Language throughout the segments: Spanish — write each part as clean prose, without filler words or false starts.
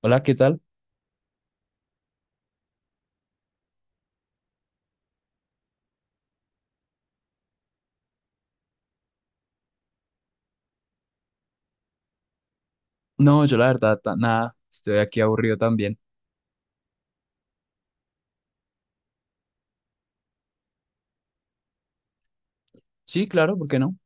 Hola, ¿qué tal? No, yo la verdad, nada, estoy aquí aburrido también. Sí, claro, ¿por qué no?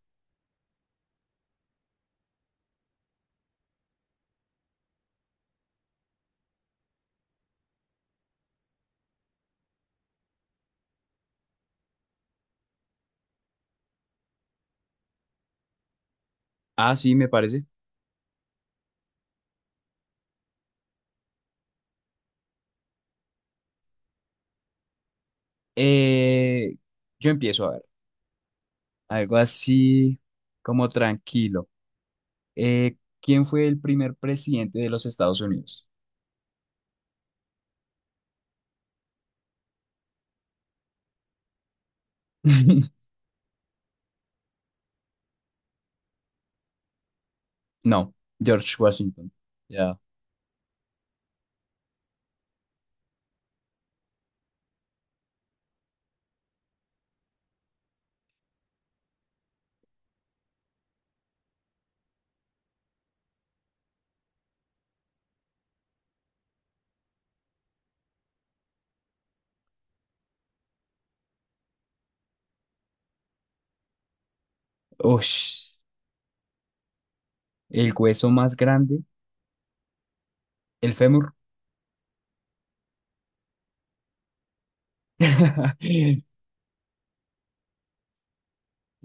Ah, sí, me parece. Eh, yo empiezo a ver, algo así como tranquilo. Eh, ¿Quién fue el primer presidente de los Estados Unidos? No, George Washington. Ya. Ush, el hueso más grande, el fémur.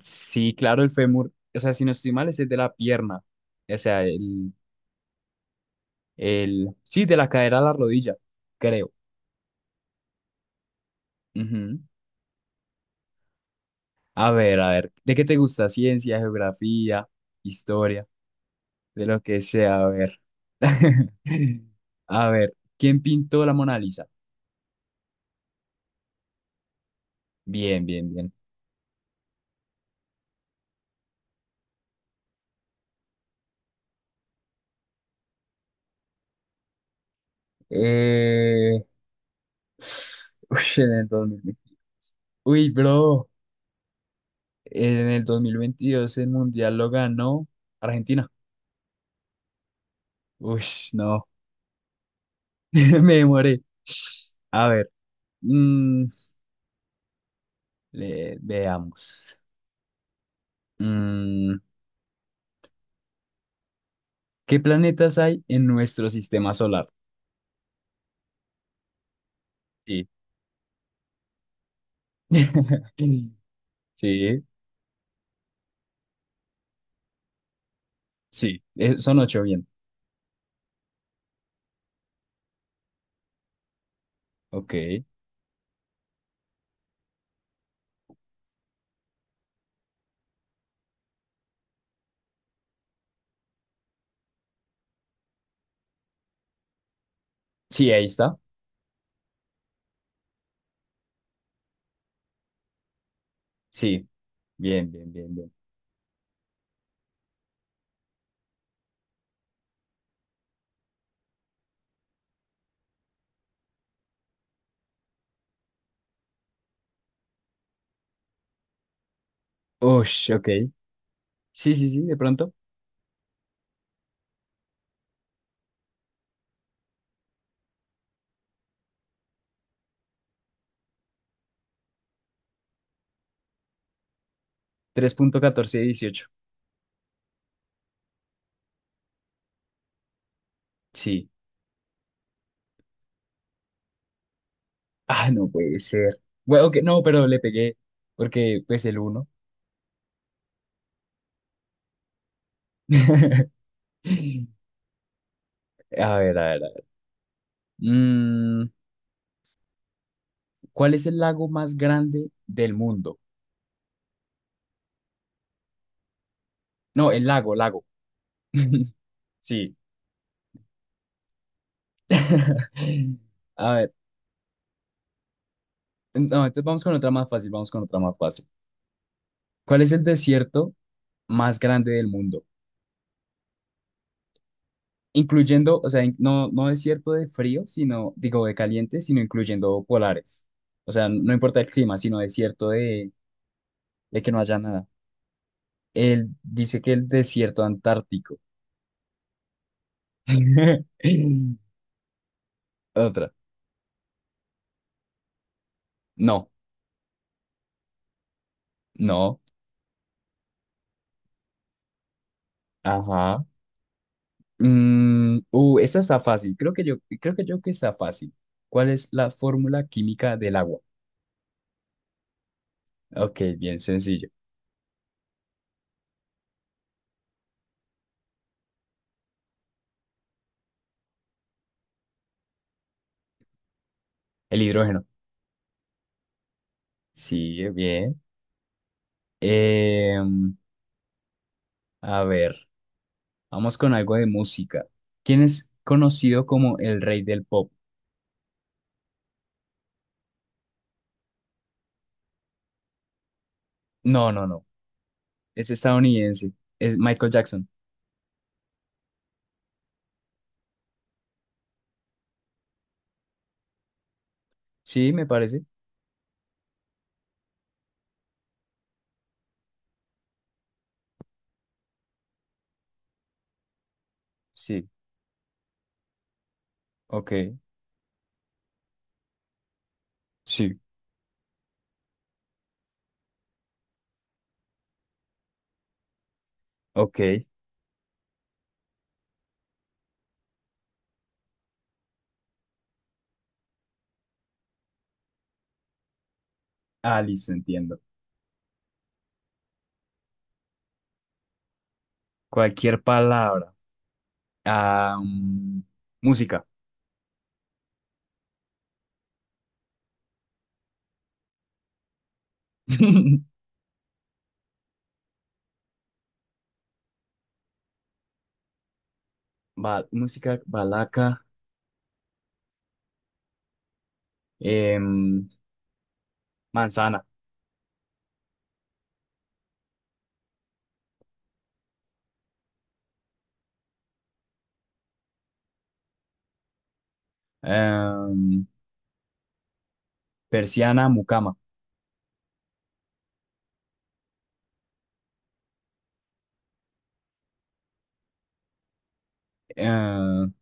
Sí, claro, el fémur. O sea, si no estoy mal, ese es el de la pierna. O sea, el, sí, de la cadera a la rodilla, creo. Ujú. A ver, ¿de qué te gusta? Ciencia, geografía, historia, de lo que sea, a ver. A ver, ¿quién pintó la Mona Lisa? Bien, bien, bien. Eh... Uy, en el 2000. Uy, bro, en el 2022 el Mundial lo ganó Argentina. Uy, no, me demoré. A ver, mm, veamos. Mm, ¿Qué planetas hay en nuestro sistema solar? Sí. Sí, sí. Son ocho, bien. Ok. Sí, ahí está. Sí. Bien, bien, bien, bien. Ush, ok. Sí, sí, sí, de pronto. Tres punto catorce dieciocho. Sí. Ah, no puede ser. Bueno, ok, no, pero le pegué porque pues el uno. A ver, a ver, a ver. Mm, ¿Cuál es el lago más grande del mundo? No, el lago, lago. Sí. A ver, no, entonces vamos con otra más fácil, vamos con otra más fácil. ¿Cuál es el desierto más grande del mundo? Incluyendo, o sea, no, no desierto de frío, sino, digo, de caliente, sino incluyendo polares. O sea, no importa el clima, sino desierto de que no haya nada. Él dice que el desierto antártico. Otra. No, no. Ajá. Esta está fácil. Creo que yo que está fácil. ¿Cuál es la fórmula química del agua? Ok, bien sencillo. El hidrógeno. Sí, bien. Eh, a ver, vamos con algo de música. ¿Quién es conocido como el rey del pop? No, no, no. Es estadounidense. Es Michael Jackson. Sí, me parece. Sí. Ok. Sí. Ok. Ah, listo, entiendo. Cualquier palabra. Ah, mm, música. Música, balaca, em, manzana, em, persiana, mucama, em,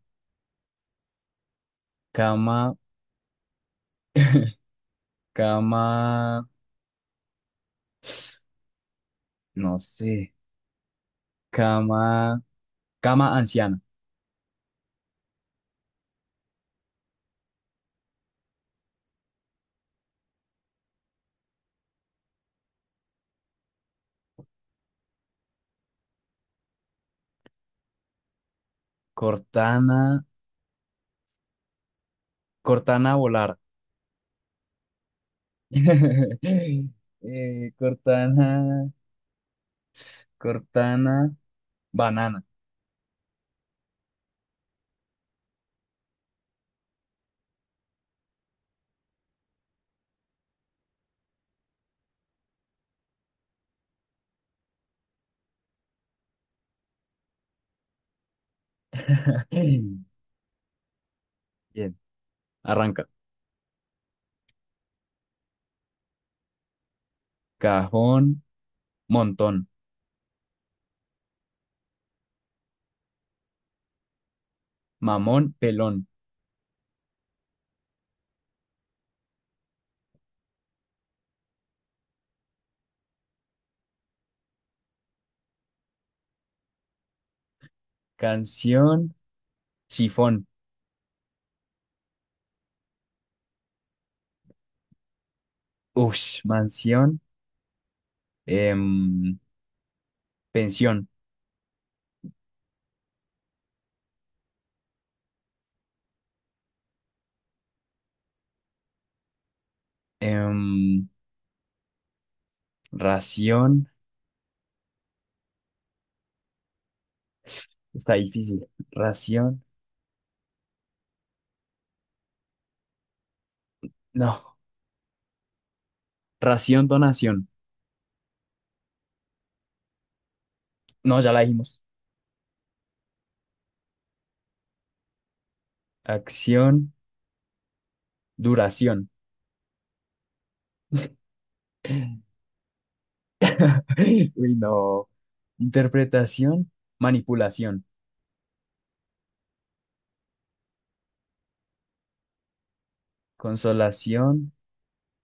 cama. Cama, no sé, cama, cama anciana, Cortana, Cortana volar, Cortana, Cortana, banana. Bien, arranca. Cajón, montón, mamón, pelón, canción, sifón, ush, mansión, em, pensión, em, ración, está difícil, ración. No, ración, donación. No, ya la dijimos. Acción, duración. Uy, no. Interpretación, manipulación. Consolación,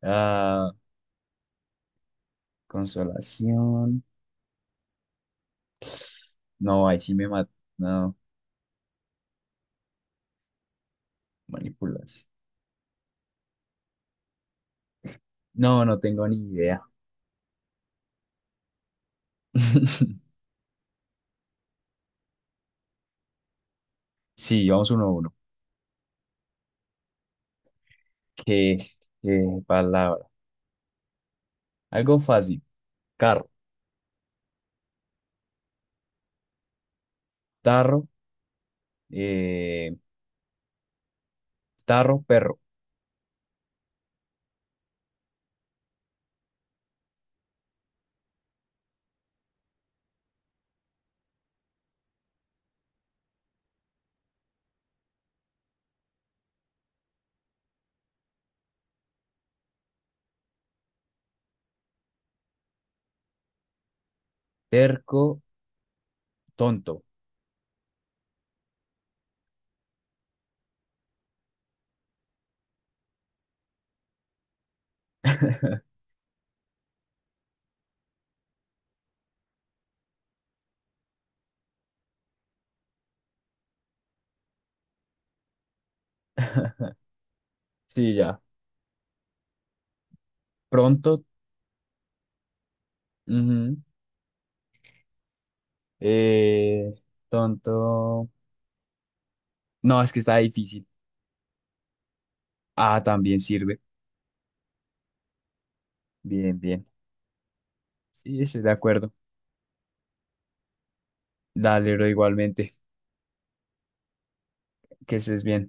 ah, consolación. No, ahí sí me mató. No, manipulación. No, no tengo ni idea. Sí, vamos uno a uno. ¿Qué, ¿qué palabra? Algo fácil. Carro, tarro, eh, perro. Terco, tonto. Sí, ya. Pronto. Ujú. Eh, tonto. No, es que está difícil. Ah, también sirve. Bien, bien. Sí, estoy de acuerdo. Dale, bro, igualmente. Que estés bien.